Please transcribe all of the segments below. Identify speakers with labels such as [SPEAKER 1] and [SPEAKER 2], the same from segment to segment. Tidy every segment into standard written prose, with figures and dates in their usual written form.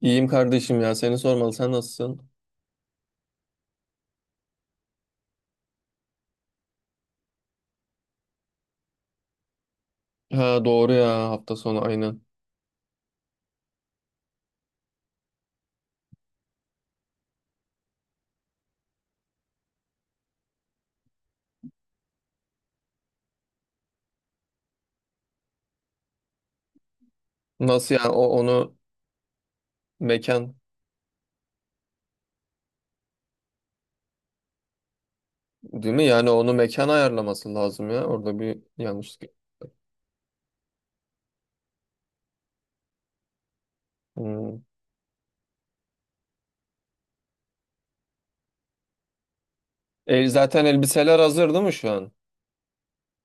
[SPEAKER 1] İyiyim kardeşim, ya seni sormalı, sen nasılsın? Ha doğru ya, hafta sonu aynen. Nasıl yani, o onu mekan değil mi? Yani onu mekan ayarlaması lazım, ya orada bir yanlışlık. Hmm. Zaten elbiseler hazır değil mi şu an?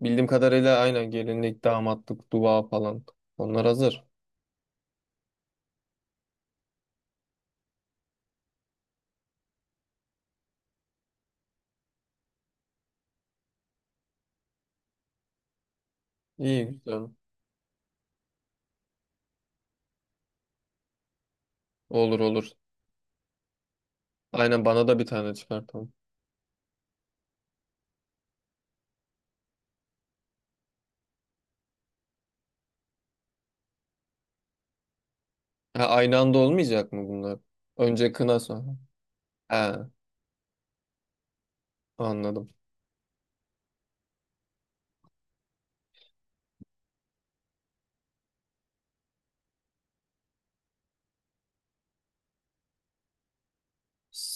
[SPEAKER 1] Bildiğim kadarıyla aynen, gelinlik, damatlık, dua falan onlar hazır. İyi güzel. Olur olur. Aynen, bana da bir tane çıkartalım. Ha, aynı anda olmayacak mı bunlar? Önce kına, sonra. Ha, anladım.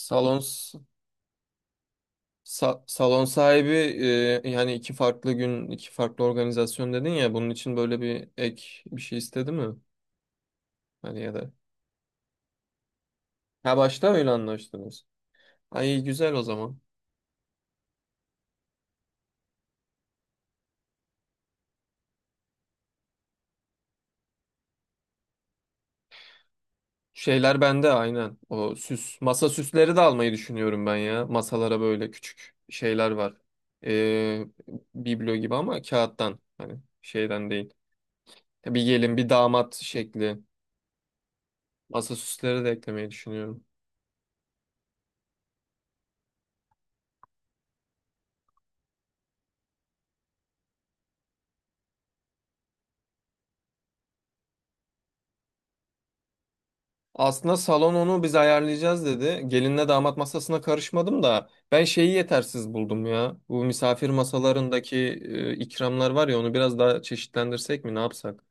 [SPEAKER 1] Salon salon sahibi, yani iki farklı gün, iki farklı organizasyon dedin ya, bunun için böyle bir ek bir şey istedi mi? Hani ya da, ha, başta öyle anlaştınız. Ay güzel o zaman. Şeyler bende aynen. O süs, masa süsleri de almayı düşünüyorum ben ya. Masalara böyle küçük şeyler var. E, Biblo gibi ama kağıttan, hani şeyden değil. Bir gelin bir damat şekli, masa süsleri de eklemeyi düşünüyorum. Aslında salon onu biz ayarlayacağız dedi. Gelinle damat masasına karışmadım da ben şeyi yetersiz buldum ya. Bu misafir masalarındaki ikramlar var ya, onu biraz daha çeşitlendirsek mi, ne yapsak?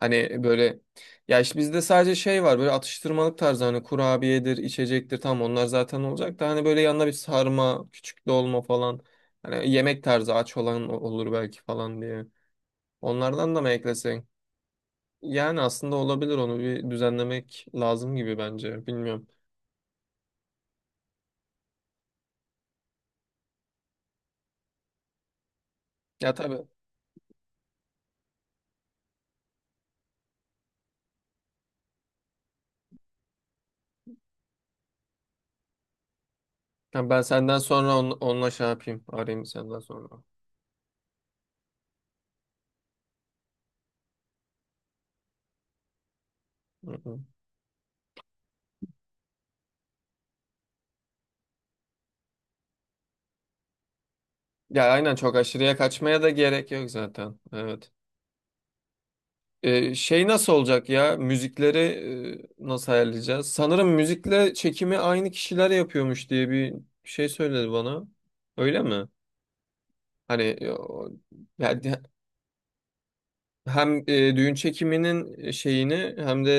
[SPEAKER 1] Hani böyle, ya işte bizde sadece şey var, böyle atıştırmalık tarzı, hani kurabiyedir, içecektir, tam onlar zaten olacak da hani böyle yanına bir sarma, küçük dolma falan. Hani yemek tarzı, aç olan olur belki falan diye. Onlardan da mı eklesek? Yani aslında olabilir, onu bir düzenlemek lazım gibi bence. Bilmiyorum. Ya tabii. Ya ben senden sonra onunla şey yapayım. Arayayım senden sonra. Hı hı. Ya aynen, çok aşırıya kaçmaya da gerek yok zaten. Evet. Şey nasıl olacak ya? Müzikleri nasıl ayarlayacağız? Sanırım müzikle çekimi aynı kişiler yapıyormuş diye bir şey söyledi bana. Öyle mi? Hani yani hem düğün çekiminin şeyini hem de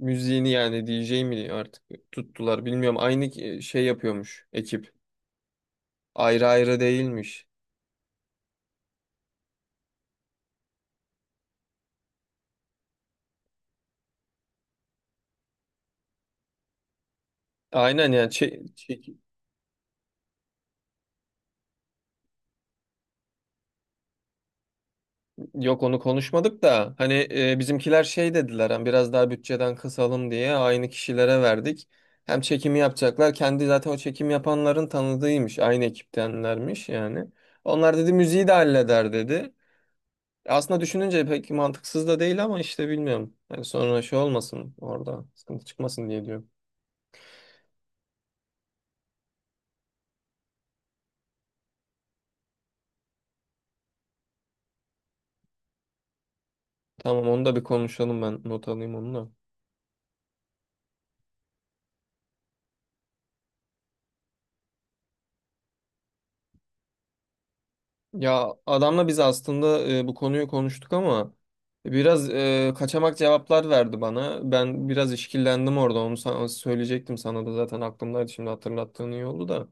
[SPEAKER 1] e, müziğini, yani DJ mi artık tuttular bilmiyorum. Şey yapıyormuş ekip. Ayrı ayrı değilmiş. Aynen yani yok, onu konuşmadık da hani bizimkiler şey dediler, hani biraz daha bütçeden kısalım diye aynı kişilere verdik. Hem çekimi yapacaklar, kendi zaten o çekim yapanların tanıdığıymış, aynı ekiptenlermiş yani. Onlar dedi müziği de halleder dedi. Aslında düşününce pek mantıksız da değil ama işte bilmiyorum. Yani sonra şey olmasın, orada sıkıntı çıkmasın diye diyorum. Tamam, onu da bir konuşalım, ben not alayım onu da. Ya adamla biz aslında bu konuyu konuştuk ama biraz kaçamak cevaplar verdi bana. Ben biraz işkillendim orada. Onu sana söyleyecektim, sana da zaten aklımdaydı, şimdi hatırlattığın iyi oldu da.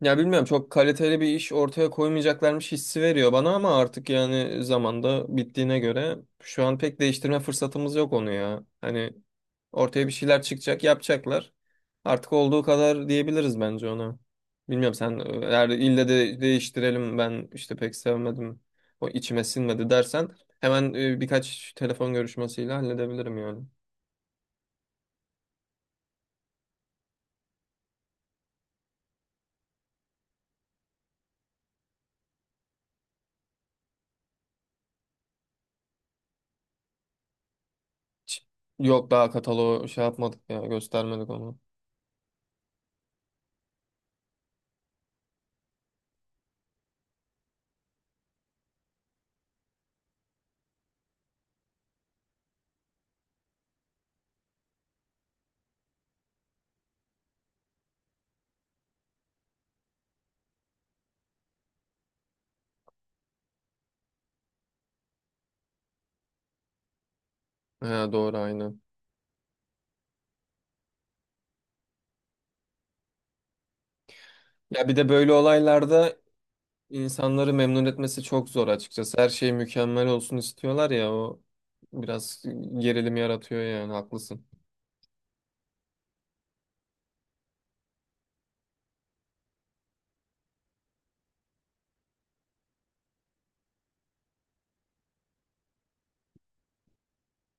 [SPEAKER 1] Ya bilmiyorum, çok kaliteli bir iş ortaya koymayacaklarmış hissi veriyor bana ama artık yani zamanda bittiğine göre şu an pek değiştirme fırsatımız yok onu ya. Hani ortaya bir şeyler çıkacak, yapacaklar. Artık olduğu kadar diyebiliriz bence ona. Bilmiyorum, sen eğer ille de değiştirelim, ben işte pek sevmedim, o içime sinmedi dersen hemen birkaç telefon görüşmesiyle halledebilirim yani. Hiç- Yok, daha kataloğu şey yapmadık ya, göstermedik onu. He, doğru aynen. Ya bir de böyle olaylarda insanları memnun etmesi çok zor açıkçası. Her şey mükemmel olsun istiyorlar ya, o biraz gerilim yaratıyor yani, haklısın.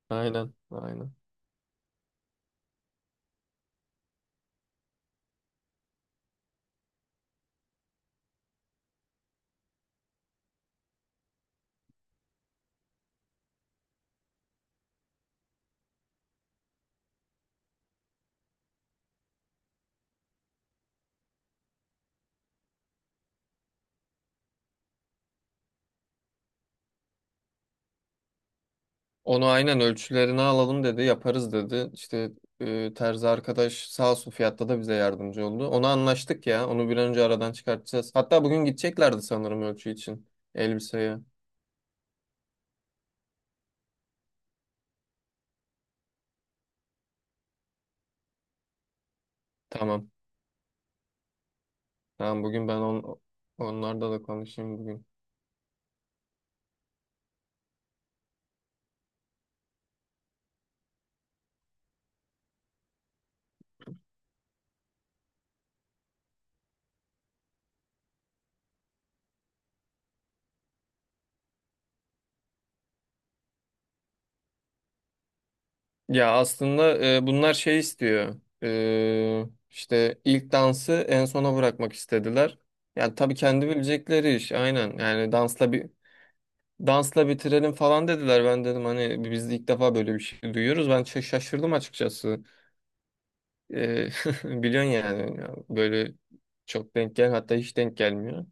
[SPEAKER 1] Aynen aynen. Onu aynen ölçülerini alalım dedi, yaparız dedi. İşte terzi arkadaş sağ olsun, fiyatta da bize yardımcı oldu. Onu anlaştık ya. Onu bir an önce aradan çıkartacağız. Hatta bugün gideceklerdi sanırım ölçü için elbiseye. Tamam. Tamam, bugün ben onlarla da konuşayım bugün. Ya aslında bunlar şey istiyor. E, işte ilk dansı en sona bırakmak istediler. Yani tabii kendi bilecekleri iş, aynen. Dansla bitirelim falan dediler. Ben dedim hani biz de ilk defa böyle bir şey duyuyoruz. Ben şaşırdım açıkçası. Ee, biliyorsun yani böyle çok denk gel, hatta hiç denk gelmiyor.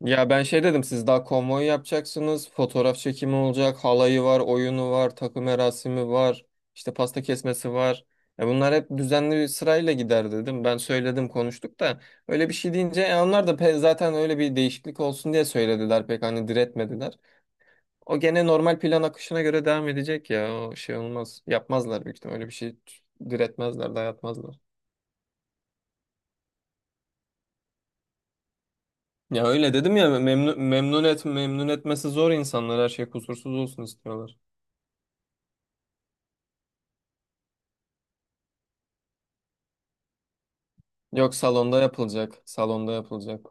[SPEAKER 1] Ya ben şey dedim, siz daha konvoy yapacaksınız. Fotoğraf çekimi olacak. Halayı var, oyunu var, takı merasimi var, işte pasta kesmesi var. Ya bunlar hep düzenli bir sırayla gider dedim. Ben söyledim, konuştuk da öyle bir şey deyince onlar da zaten öyle bir değişiklik olsun diye söylediler, pek hani diretmediler. O gene normal plan akışına göre devam edecek ya. O şey olmaz. Yapmazlar büyük ihtimalle. Öyle bir şey diretmezler, dayatmazlar. Ya öyle dedim ya, memnun, memnun et, memnun etmesi zor insanlar, her şey kusursuz olsun istiyorlar. Yok, salonda yapılacak. Salonda yapılacak.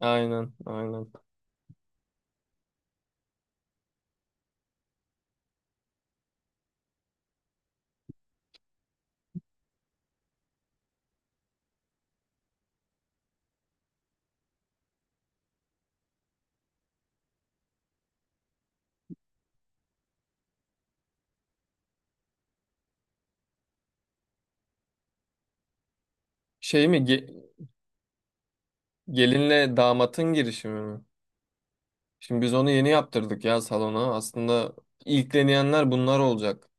[SPEAKER 1] Aynen, aynen. Şey mi ge- Gelinle damatın girişimi mi? Şimdi biz onu yeni yaptırdık ya salona. Aslında ilkleneyenler bunlar olacak.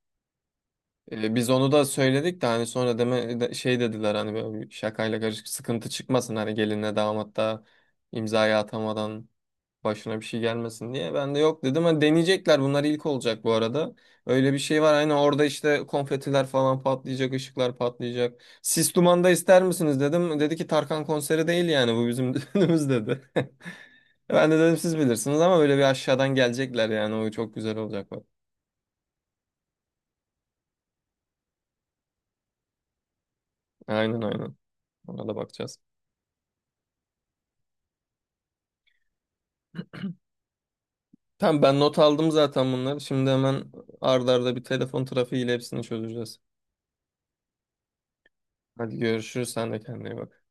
[SPEAKER 1] Biz onu da söyledik de hani sonra deme, şey dediler hani böyle bir şakayla karışık sıkıntı çıkmasın, hani gelinle damat da imzayı atamadan başına bir şey gelmesin diye. Ben de yok dedim. Hani deneyecekler, bunlar ilk olacak bu arada. Öyle bir şey var. Hani orada işte konfetiler falan patlayacak, ışıklar patlayacak. Sis Duman'da ister misiniz dedim. Dedi ki Tarkan konseri değil yani bu bizim düğünümüz dedi. Ben de dedim siz bilirsiniz ama böyle bir aşağıdan gelecekler, yani o çok güzel olacak bak. Aynen aynen. Ona da bakacağız. Tamam, ben not aldım zaten bunları. Şimdi hemen ardarda bir telefon trafiğiyle hepsini çözeceğiz. Hadi görüşürüz. Sen de kendine iyi bak.